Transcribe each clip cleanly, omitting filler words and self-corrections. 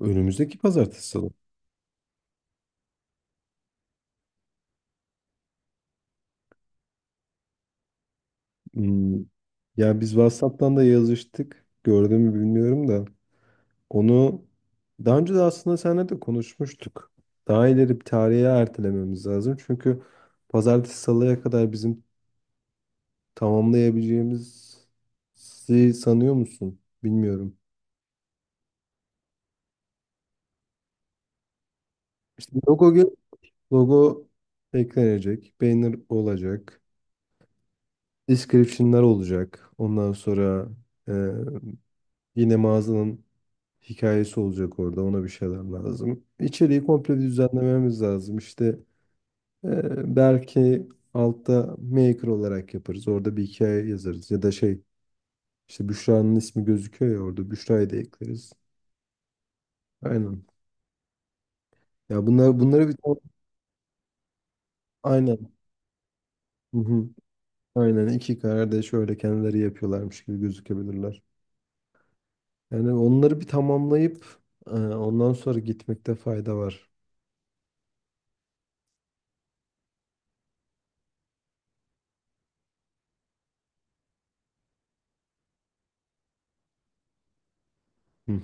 Önümüzdeki pazartesi salı. Hmm. Ya biz WhatsApp'tan da yazıştık. Gördün mü bilmiyorum da. Onu daha önce de aslında seninle de konuşmuştuk. Daha ileri bir tarihe ertelememiz lazım. Çünkü pazartesi salıya kadar bizim tamamlayabileceğimizi sanıyor musun? Bilmiyorum. İşte logo eklenecek. Banner olacak. Description'lar olacak. Ondan sonra e, yine mağazanın hikayesi olacak orada. Ona bir şeyler lazım. İçeriği komple düzenlememiz lazım. İşte belki altta maker olarak yaparız. Orada bir hikaye yazarız. Ya da şey işte Büşra'nın ismi gözüküyor ya orada. Büşra'yı da ekleriz. Aynen. Ya bunlar, bunları bir, aynen. Hı hı. Aynen iki kardeş öyle kendileri yapıyorlarmış gibi gözükebilirler. Yani onları bir tamamlayıp ondan sonra gitmekte fayda var. Hı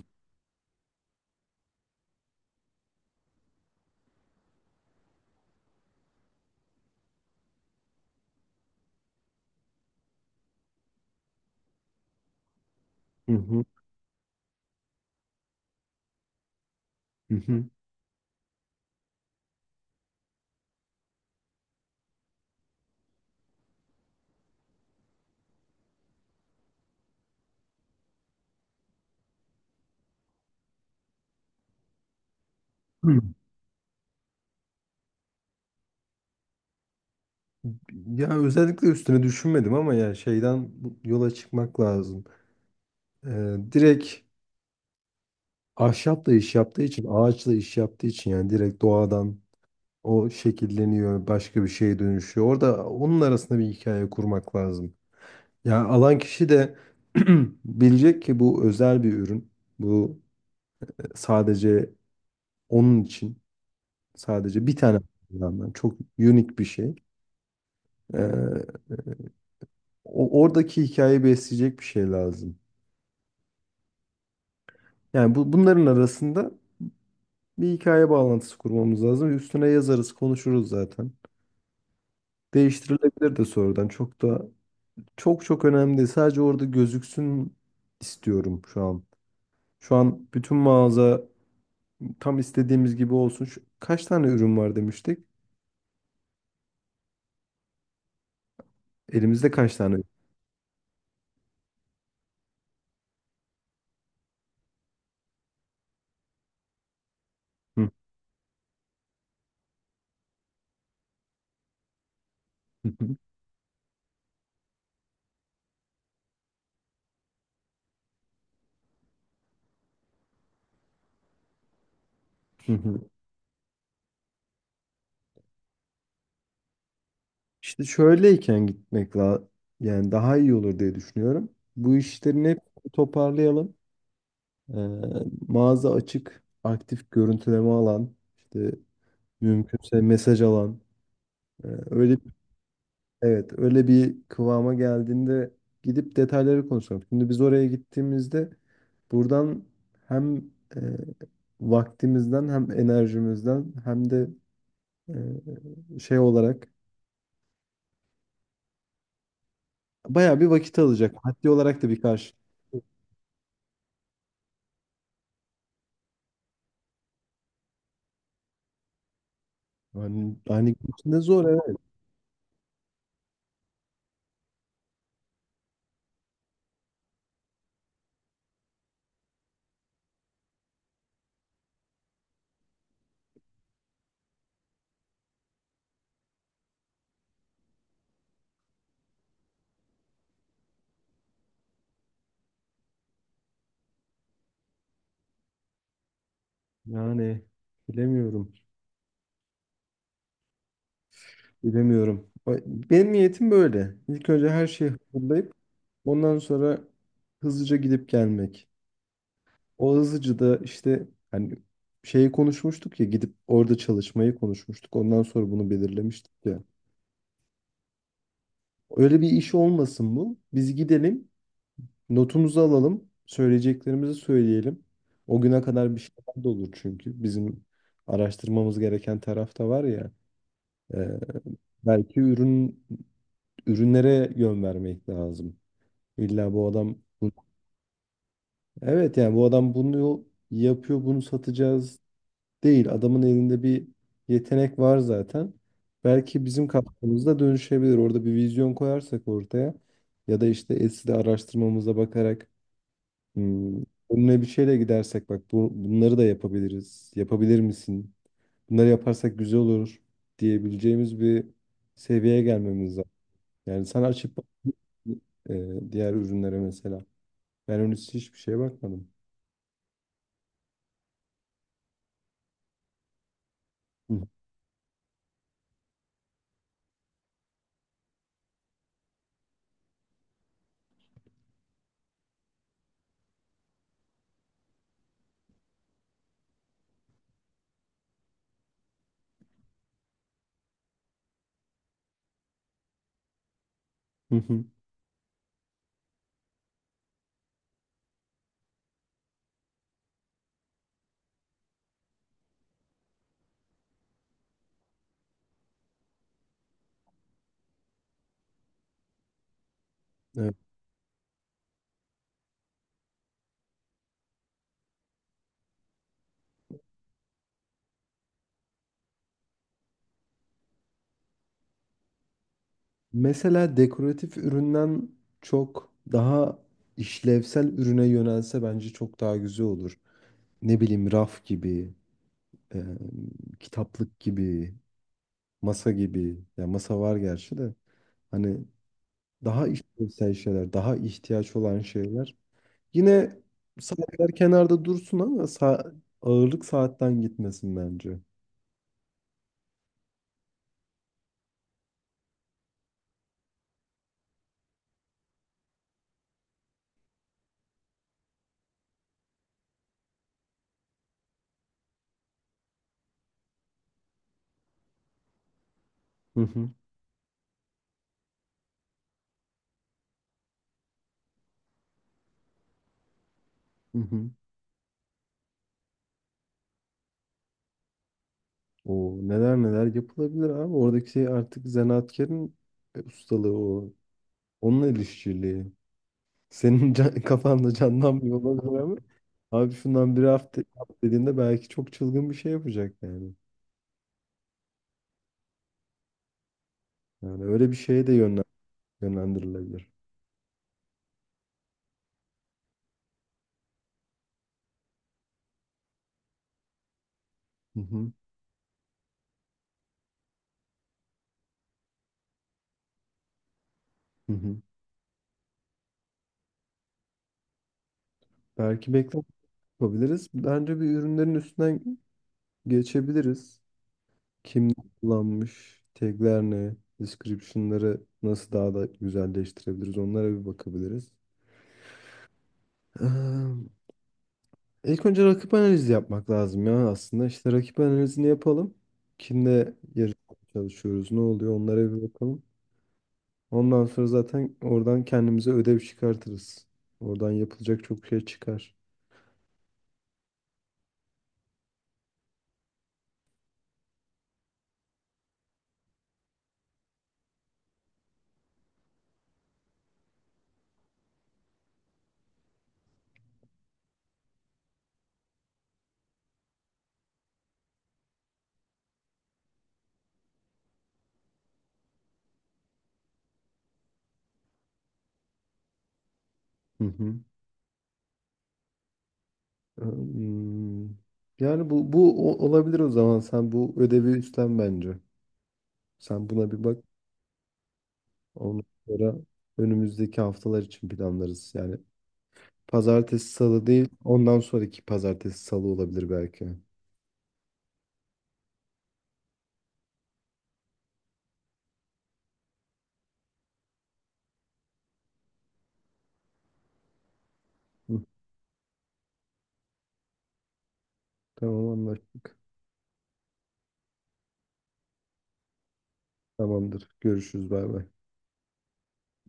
hı. Hı hı. Hı. Ya özellikle üstüne düşünmedim ama ya şeyden yola çıkmak lazım. Direkt ahşapla iş yaptığı için, ağaçla iş yaptığı için yani direkt doğadan o şekilleniyor, başka bir şeye dönüşüyor. Orada onun arasında bir hikaye kurmak lazım. Ya alan kişi de bilecek ki bu özel bir ürün. Bu sadece onun için, sadece bir tane kullanılan, çok unik bir şey. Ee, Oradaki hikayeyi besleyecek bir şey lazım. Yani bu, bunların arasında bir hikaye bağlantısı kurmamız lazım. Üstüne yazarız, konuşuruz zaten. Değiştirilebilir de sonradan. Çok da çok çok önemli değil. Sadece orada gözüksün istiyorum şu an. Şu an bütün mağaza tam istediğimiz gibi olsun. Şu- kaç tane ürün var demiştik? Elimizde kaç tane ürün? Hı. Hı hı. İşte şöyleyken gitmek la, yani daha iyi olur diye düşünüyorum. Bu işlerin hep toparlayalım. Ee, Mağaza açık, aktif görüntüleme alan, işte mümkünse mesaj alan. Öyle Evet, öyle bir kıvama geldiğinde gidip detayları konuşalım. Şimdi biz oraya gittiğimizde buradan hem e, vaktimizden hem enerjimizden hem de şey olarak bayağı bir vakit alacak. Maddi olarak da bir karşı. Yani, hani içinde zor, evet. Yani bilemiyorum. Bilemiyorum. Ay, benim niyetim böyle. İlk önce her şeyi hazırlayıp ondan sonra hızlıca gidip gelmek. O hızlıca da işte hani şeyi konuşmuştuk ya, gidip orada çalışmayı konuşmuştuk. Ondan sonra bunu belirlemiştik ya. Öyle bir iş olmasın bu. Biz gidelim, notumuzu alalım, söyleyeceklerimizi söyleyelim. O güne kadar bir şeyler de olur çünkü. Bizim araştırmamız gereken taraf da var ya. e, Belki ürünlere yön vermek lazım. İlla bu adam evet, yani bu adam bunu yapıyor, bunu satacağız değil. Adamın elinde bir yetenek var zaten. Belki bizim katkımızda dönüşebilir. Orada bir vizyon koyarsak ortaya, ya da işte Etsy'de araştırmamıza bakarak, hmm, önüne bir şeyle gidersek bak bunları da yapabiliriz. Yapabilir misin? Bunları yaparsak güzel olur diyebileceğimiz bir seviyeye gelmemiz lazım. Yani sen açıp bak, diğer ürünlere mesela. Ben henüz hiçbir şeye bakmadım. Hı hı hı. Evet. Mesela dekoratif üründen çok daha işlevsel ürüne yönelse bence çok daha güzel olur. Ne bileyim, raf gibi, e, kitaplık gibi, masa gibi. Ya masa var gerçi de. Hani daha işlevsel şeyler, daha ihtiyaç olan şeyler. Yine saatler kenarda dursun ama ağırlık saatten gitmesin bence. Hı hı. Hı hı. O neler neler yapılabilir abi. Oradaki şey artık zanaatkarın ustalığı o. Onunla el işçiliği. Senin kafanda canlanmıyor olabilir ama abi şundan bir hafta yap dediğinde belki çok çılgın bir şey yapacak yani. Yani öyle bir şeye de yönlendirilebilir. Hı hı. Hı hı. Belki bekleme yapabiliriz. Bence bir ürünlerin üstünden geçebiliriz. Kim kullanmış, tagler ne, description'ları nasıl daha da güzelleştirebiliriz, onlara bir bakabiliriz. Eee, İlk önce rakip analizi yapmak lazım ya aslında. İşte rakip analizini yapalım. Kimle yarışmaya çalışıyoruz, ne oluyor, onlara bir bakalım. Ondan sonra zaten oradan kendimize ödev çıkartırız. Oradan yapılacak çok şey çıkar. Hı hı. Hmm. Yani olabilir o zaman. Sen bu ödevi üstlen bence. Sen buna bir bak. Ondan sonra önümüzdeki haftalar için planlarız. Yani pazartesi salı değil, ondan sonraki pazartesi salı olabilir belki. Hı. Tamam, anlaştık. Tamamdır. Görüşürüz. Bay bay.